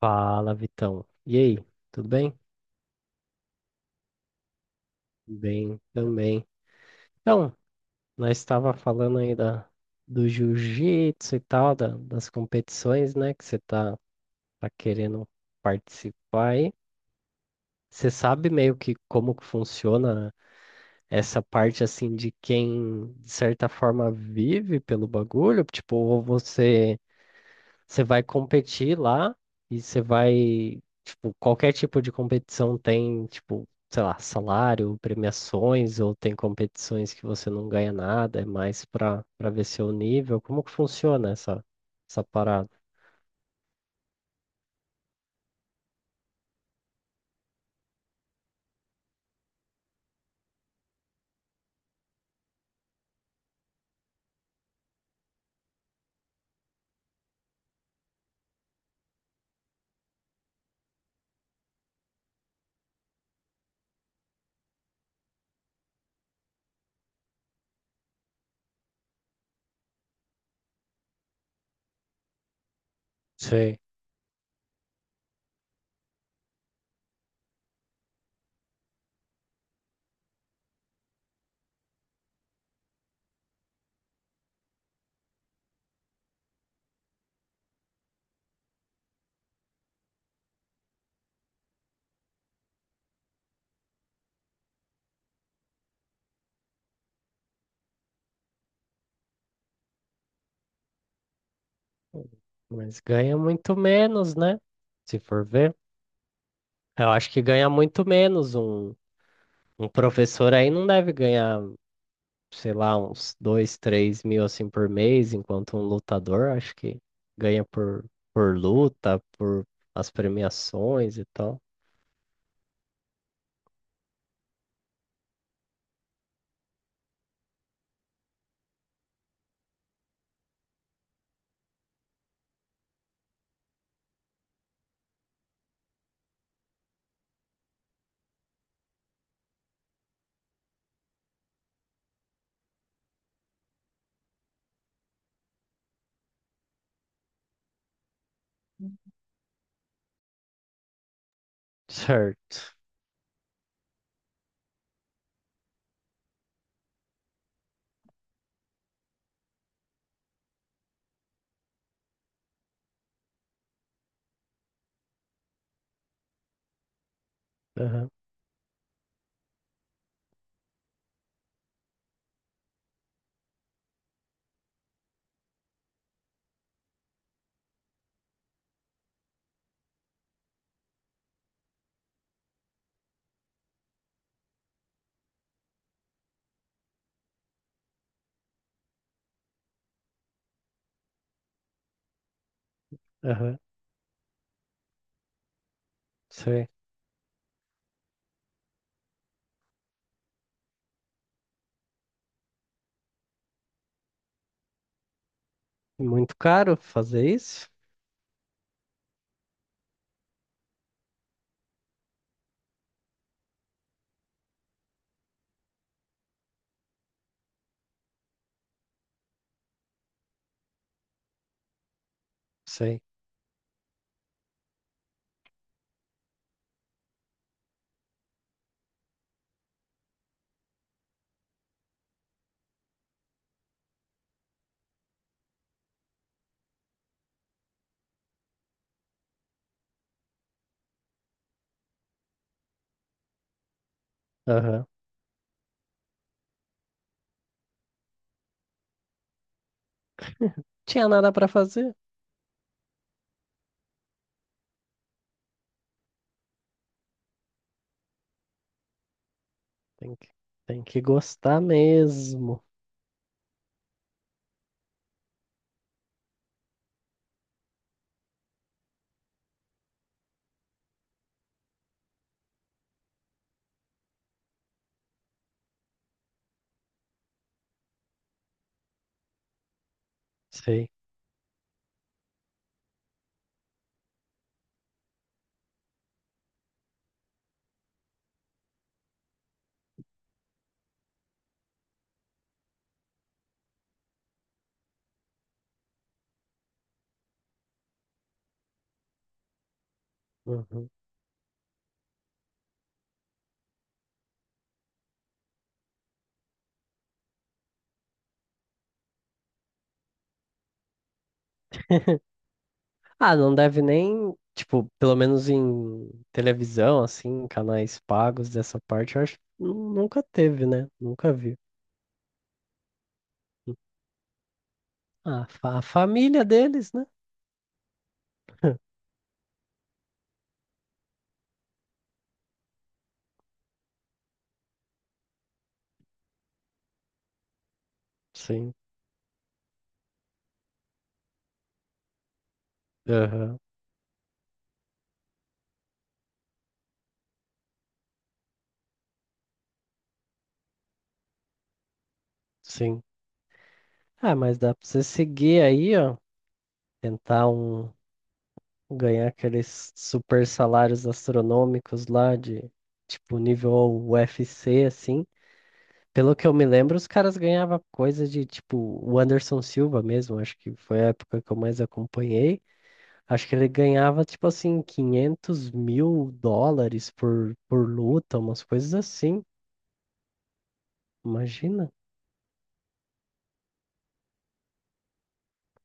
Fala, Vitão. E aí, tudo bem? Bem também. Então, nós estava falando aí do jiu-jitsu e tal, das competições, né, que você tá, tá querendo participar aí. Você sabe meio que como que funciona essa parte, assim, de quem, de certa forma, vive pelo bagulho? Tipo, ou você vai competir lá e você vai, tipo, qualquer tipo de competição tem, tipo, sei lá, salário, premiações, ou tem competições que você não ganha nada, é mais para ver seu nível. Como que funciona essa parada? Sei. Mas ganha muito menos, né? Se for ver. Eu acho que ganha muito menos. Um professor aí não deve ganhar. Sei lá, uns dois, três mil assim por mês, enquanto um lutador acho que ganha por luta, por as premiações e tal. Certo. Aham, aham. Sei. Muito caro fazer isso? Sei. Aham. Tinha nada pra fazer. Tem que, tem que gostar mesmo. Sei. Uhum. Ah, não deve nem, tipo, pelo menos em televisão, assim, em canais pagos dessa parte, eu acho, nunca teve, né? Nunca vi. A, a família deles, né? Sim, aham, sim. Ah, mas dá pra você seguir aí, ó. Tentar ganhar aqueles super salários astronômicos lá de, tipo, nível UFC, assim. Pelo que eu me lembro, os caras ganhavam coisa de, tipo, o Anderson Silva mesmo. Acho que foi a época que eu mais acompanhei. Acho que ele ganhava, tipo assim, 500 mil dólares por luta, umas coisas assim. Imagina.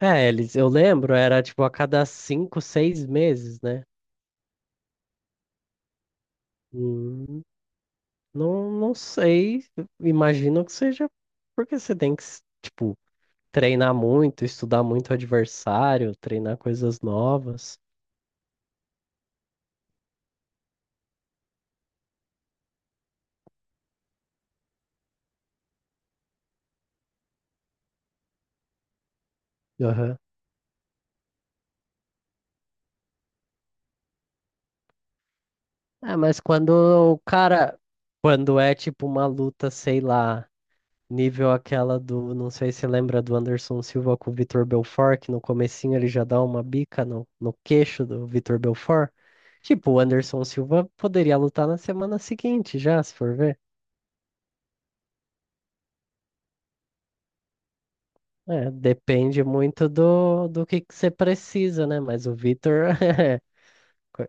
É, eles, eu lembro, era tipo a cada cinco, seis meses, né? Hum, não sei, imagino que seja porque você tem que, tipo, treinar muito, estudar muito o adversário, treinar coisas novas. Aham. Ah, mas quando o cara, quando é tipo uma luta, sei lá. Nível aquela do, não sei se lembra do Anderson Silva com o Vitor Belfort, que no comecinho ele já dá uma bica no queixo do Vitor Belfort. Tipo, o Anderson Silva poderia lutar na semana seguinte já, se for ver. É, depende muito do que você precisa, né? Mas o Vitor co-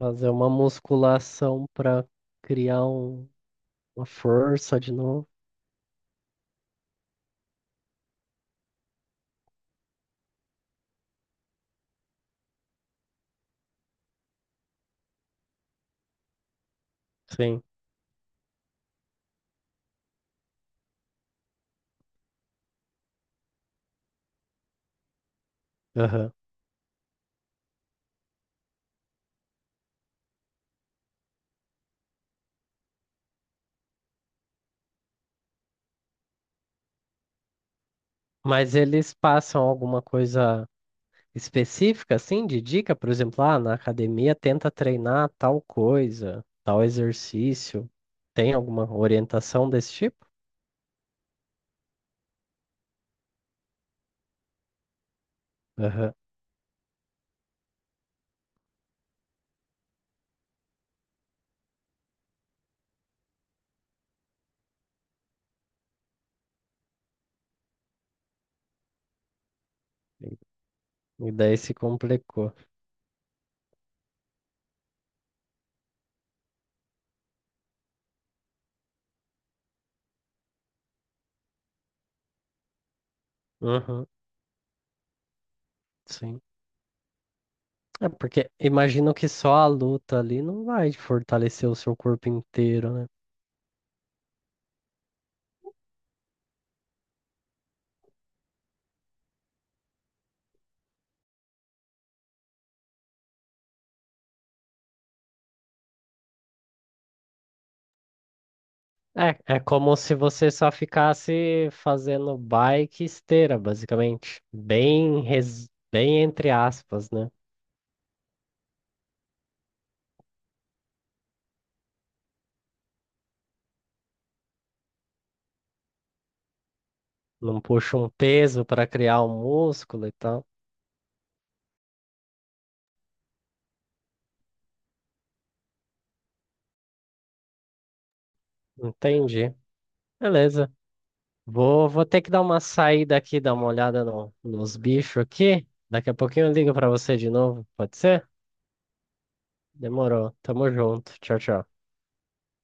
fazer uma musculação pra criar uma força de novo. Sim, aham. Mas eles passam alguma coisa específica, assim, de dica? Por exemplo, ah, na academia tenta treinar tal coisa, tal exercício. Tem alguma orientação desse tipo? Aham. E daí se complicou. Uhum, sim. É porque imagino que só a luta ali não vai fortalecer o seu corpo inteiro, né? É, é como se você só ficasse fazendo bike e esteira, basicamente. Bem, res... Bem entre aspas, né? Não puxa um peso para criar um músculo e tal. Entendi. Beleza. Vou ter que dar uma saída aqui, dar uma olhada nos bichos aqui. Daqui a pouquinho eu ligo pra você de novo, pode ser? Demorou. Tamo junto. Tchau, tchau.